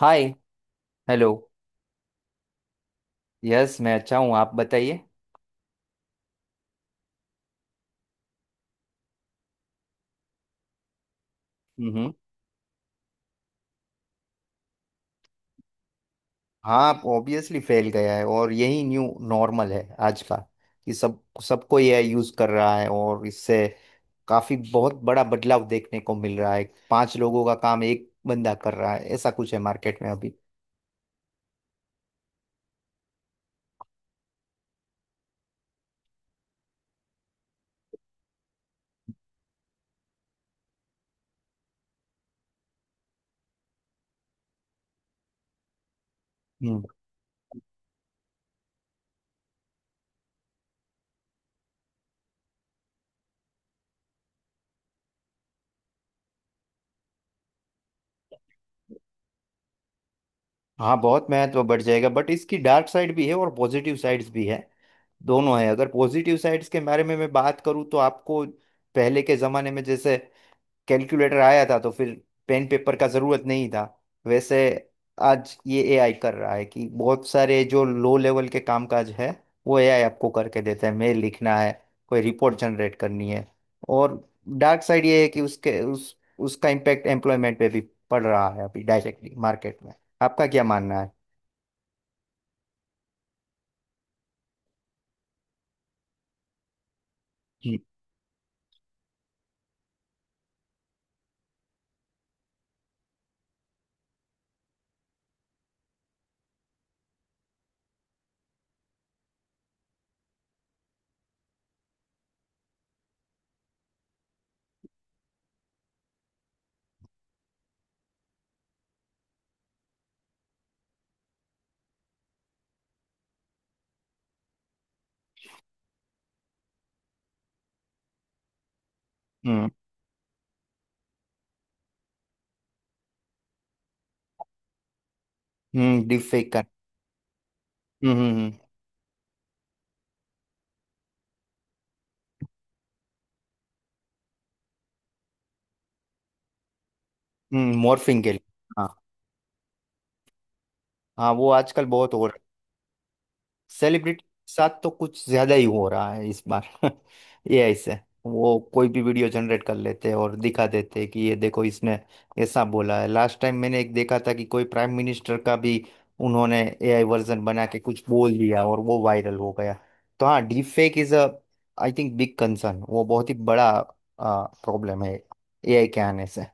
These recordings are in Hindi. हाय हेलो। यस मैं अच्छा हूँ आप बताइए। हम्म। हाँ आप ऑब्वियसली फैल गया है और यही न्यू नॉर्मल है आज का कि सब सबको ये यूज़ कर रहा है और इससे काफ़ी बहुत बड़ा बदलाव देखने को मिल रहा है। 5 लोगों का काम एक बंदा कर रहा है ऐसा कुछ है मार्केट में अभी। हम्म। हाँ बहुत महत्व बढ़ जाएगा बट इसकी डार्क साइड भी है और पॉजिटिव साइड्स भी है। दोनों है, अगर पॉजिटिव साइड्स के बारे में मैं बात करूँ तो आपको पहले के ज़माने में जैसे कैलकुलेटर आया था तो फिर पेन पेपर का जरूरत नहीं था। वैसे आज ये एआई कर रहा है कि बहुत सारे जो लो लेवल के कामकाज है वो एआई आपको करके देता है। मेल लिखना है, कोई रिपोर्ट जनरेट करनी है और डार्क साइड ये है कि उसके उस उसका इम्पैक्ट एम्प्लॉयमेंट पे भी पड़ रहा है अभी डायरेक्टली मार्केट में। आपका क्या मानना है। हम्म। हम्म। Deepfake का। हम्म। मॉर्फिंग के लिए। हाँ। हाँ वो आजकल बहुत हो रहा है। सेलिब्रिटी के साथ तो कुछ ज्यादा ही हो रहा है इस बार ये ऐसे है। वो कोई भी वीडियो जनरेट कर लेते हैं और दिखा देते हैं कि ये देखो इसने ऐसा बोला है। लास्ट टाइम मैंने एक देखा था कि कोई प्राइम मिनिस्टर का भी उन्होंने एआई वर्जन बना के कुछ बोल दिया और वो वायरल हो गया। तो हाँ, deep fake is a I think big concern, वो बहुत ही बड़ा प्रॉब्लम है एआई के आने से।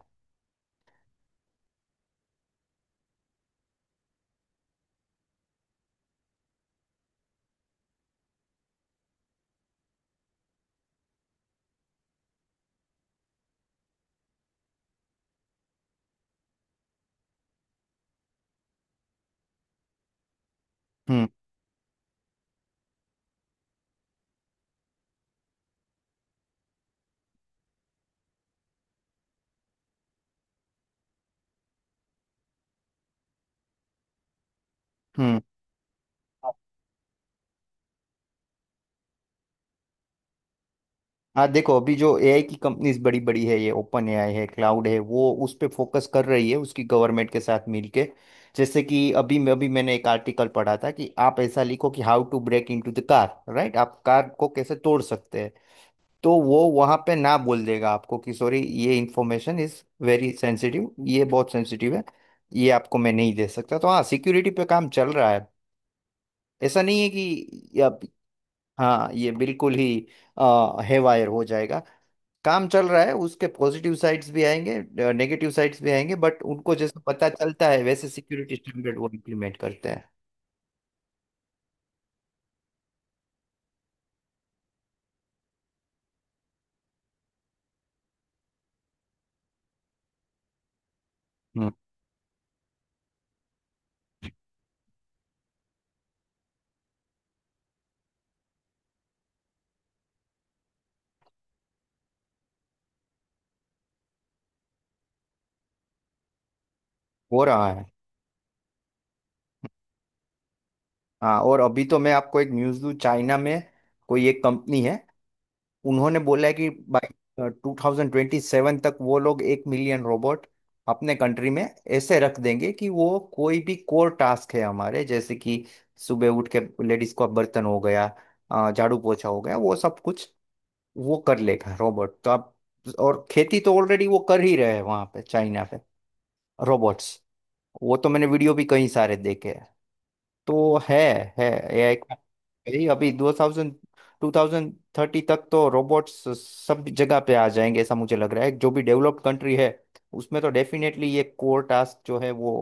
हम्म। हम्म। हाँ देखो अभी जो एआई की कंपनीज बड़ी बड़ी है ये ओपन एआई है, क्लाउड है, वो उस पे फोकस कर रही है उसकी गवर्नमेंट के साथ मिलके। जैसे कि अभी मैंने एक आर्टिकल पढ़ा था कि आप ऐसा लिखो कि how to break into the car, right, आप कार को कैसे तोड़ सकते हैं। तो वो वहां पे ना बोल देगा आपको कि सॉरी ये इंफॉर्मेशन इज वेरी सेंसिटिव, ये बहुत सेंसिटिव है ये आपको मैं नहीं दे सकता। तो हाँ, सिक्योरिटी पे काम चल रहा है। ऐसा नहीं है कि ये अब- हाँ ये बिल्कुल ही हेवायर हो जाएगा। काम चल रहा है, उसके पॉजिटिव साइड्स भी आएंगे, नेगेटिव साइड्स भी आएंगे, बट उनको जैसे पता चलता है वैसे सिक्योरिटी स्टैंडर्ड वो इम्प्लीमेंट करते हैं। हम्म। हो रहा है। हाँ और अभी तो मैं आपको एक न्यूज़ दूँ। चाइना में कोई एक कंपनी है, उन्होंने बोला है कि बाई 2027 तक वो लोग 1 मिलियन रोबोट अपने कंट्री में ऐसे रख देंगे कि वो कोई भी कोर टास्क है हमारे जैसे कि सुबह उठ के लेडीज को अब बर्तन हो गया, झाड़ू पोछा हो गया, वो सब कुछ वो कर लेगा रोबोट। तो आप, और खेती तो ऑलरेडी वो कर ही रहे हैं वहां पे चाइना पे, रोबोट्स। वो तो मैंने वीडियो भी कई सारे देखे हैं। तो है एआई का भाई। अभी दो थाउजेंड 2030 तक तो रोबोट्स सब जगह पे आ जाएंगे ऐसा मुझे लग रहा है। जो भी डेवलप्ड कंट्री है उसमें तो डेफिनेटली ये कोर टास्क जो है वो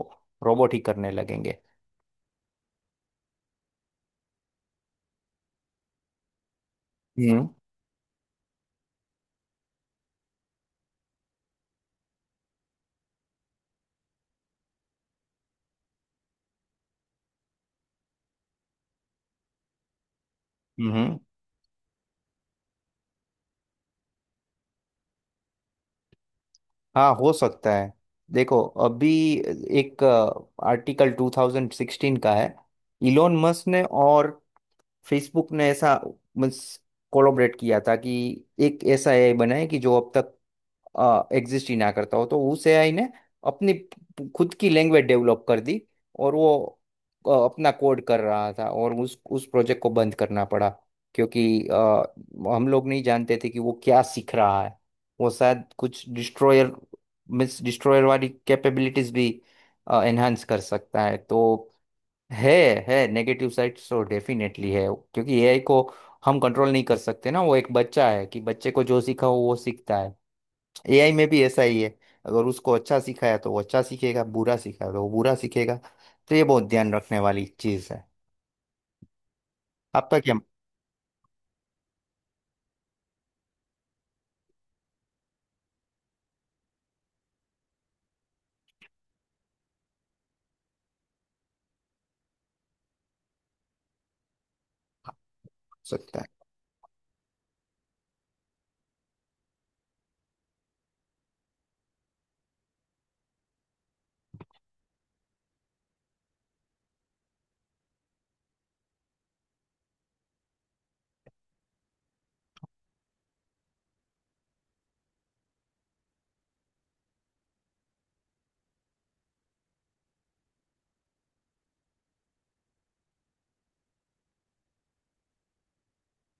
रोबोट ही करने लगेंगे। हम्म। हम्म। हाँ हो सकता है। देखो अभी एक आर्टिकल 2016 का है। इलोन मस्क ने और फेसबुक ने ऐसा कोलोबरेट किया था कि एक ऐसा एआई बनाए कि जो अब तक एग्जिस्ट ही ना करता हो। तो उस एआई ने अपनी खुद की लैंग्वेज डेवलप कर दी और वो अपना कोड कर रहा था और उस प्रोजेक्ट को बंद करना पड़ा क्योंकि हम लोग नहीं जानते थे कि वो क्या सीख रहा है। वो शायद कुछ डिस्ट्रॉयर मिस डिस्ट्रॉयर वाली कैपेबिलिटीज भी एनहांस कर सकता है। तो है है नेगेटिव साइड तो डेफिनेटली है। क्योंकि एआई को हम कंट्रोल नहीं कर सकते ना, वो एक बच्चा है कि बच्चे को जो सीखा हो वो सीखता है। एआई में भी ऐसा ही है। अगर उसको अच्छा सिखाया तो वो अच्छा सीखेगा, बुरा सिखाया तो वो बुरा सीखेगा। तो ये बहुत ध्यान रखने वाली चीज़ है। आपका क्या हो सकता है।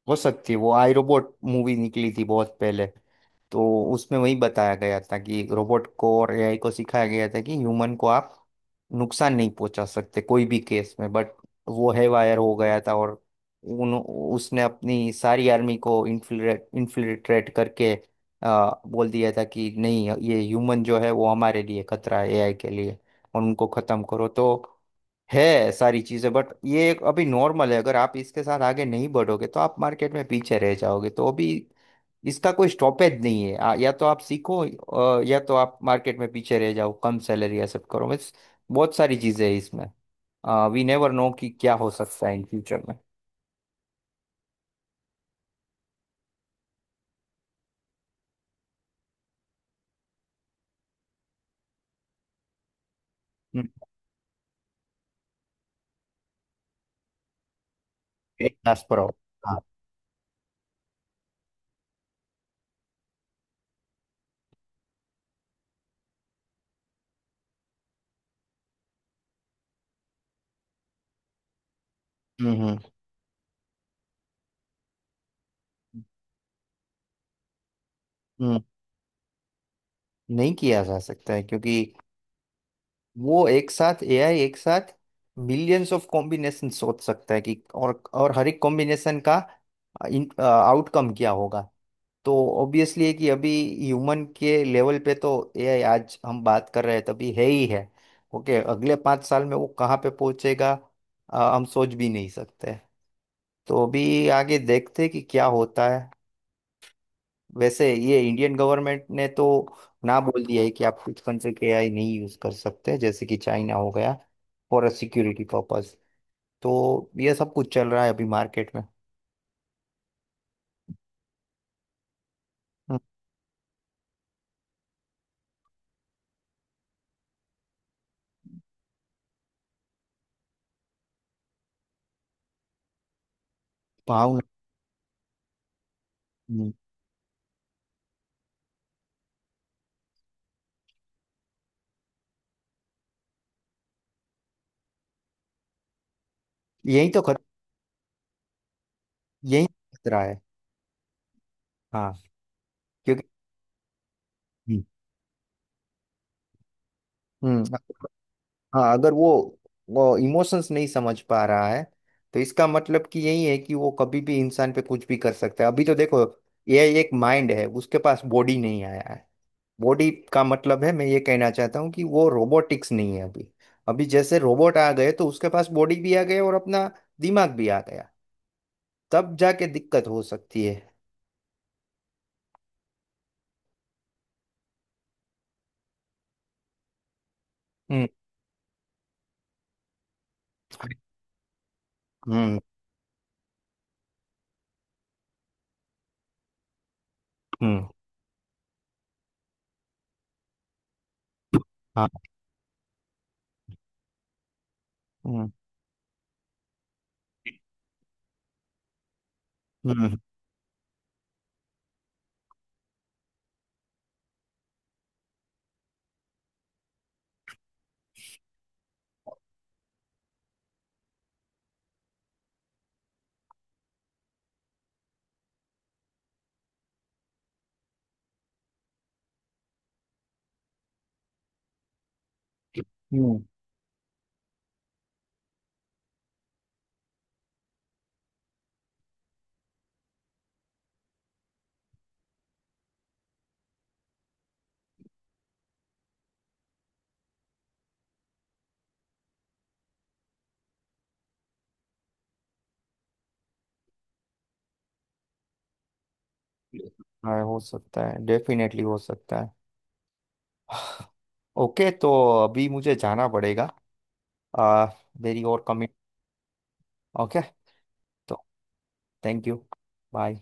हो सकती है। वो आई रोबोट मूवी निकली थी बहुत पहले। तो उसमें वही बताया गया था कि रोबोट को और एआई को सिखाया गया था कि ह्यूमन को आप नुकसान नहीं पहुंचा सकते कोई भी केस में, बट वो है वायर हो गया था और उन उसने अपनी सारी आर्मी को इन्फिल्ट्रेट इन्फिल्ट्रेट करके बोल दिया था कि नहीं ये ह्यूमन जो है वो हमारे लिए खतरा है एआई के लिए, और उनको खत्म करो। तो है सारी चीजें, बट ये एक अभी नॉर्मल है। अगर आप इसके साथ आगे नहीं बढ़ोगे तो आप मार्केट में पीछे रह जाओगे। तो अभी इसका कोई स्टॉपेज नहीं है, या तो आप सीखो या तो आप मार्केट में पीछे रह जाओ, कम सैलरी एक्सेप्ट करो, बस। बहुत सारी चीजें हैं इसमें। वी नेवर नो कि क्या हो सकता है इन फ्यूचर में। हम्म, एक diaspora हो। हाँ। हम्म। हम्म। हम्म, नहीं किया जा सकता है क्योंकि वो एक साथ एआई एक साथ मिलियंस ऑफ कॉम्बिनेशन सोच सकता है कि और हर एक कॉम्बिनेशन का आउटकम क्या होगा। तो ऑब्वियसली है कि अभी ह्यूमन के लेवल पे तो एआई आज हम बात कर रहे हैं तभी है ही है। ओके, अगले 5 साल में वो कहाँ पे पहुंचेगा, हम सोच भी नहीं सकते। तो अभी आगे देखते हैं कि क्या होता है। वैसे ये इंडियन गवर्नमेंट ने तो ना बोल दिया है कि आप कुछ कंट्री के एआई नहीं यूज कर सकते जैसे कि चाइना हो गया, फॉर अ सिक्योरिटी पर्पस। तो ये सब कुछ चल रहा है अभी मार्केट में। हम्म। भावना। हम्म। यही तो खत यही खतरा है। हाँ। क्योंकि। हम्म। हाँ, अगर वो इमोशंस नहीं समझ पा रहा है तो इसका मतलब कि यही है कि वो कभी भी इंसान पे कुछ भी कर सकता है। अभी तो देखो ये एक माइंड है, उसके पास बॉडी नहीं आया है। बॉडी का मतलब है, मैं ये कहना चाहता हूँ कि वो रोबोटिक्स नहीं है अभी। अभी जैसे रोबोट आ गए तो उसके पास बॉडी भी आ गई और अपना दिमाग भी आ गया, तब जाके दिक्कत हो सकती है। हम्म। हम्म। हम्म। हाँ। हम्म। हम्म। हम्म, हाँ, हो सकता है, डेफिनेटली हो सकता है। ओके, तो अभी मुझे जाना पड़ेगा, आ, मेरी और कमिट। ओके। तो थैंक यू। बाय।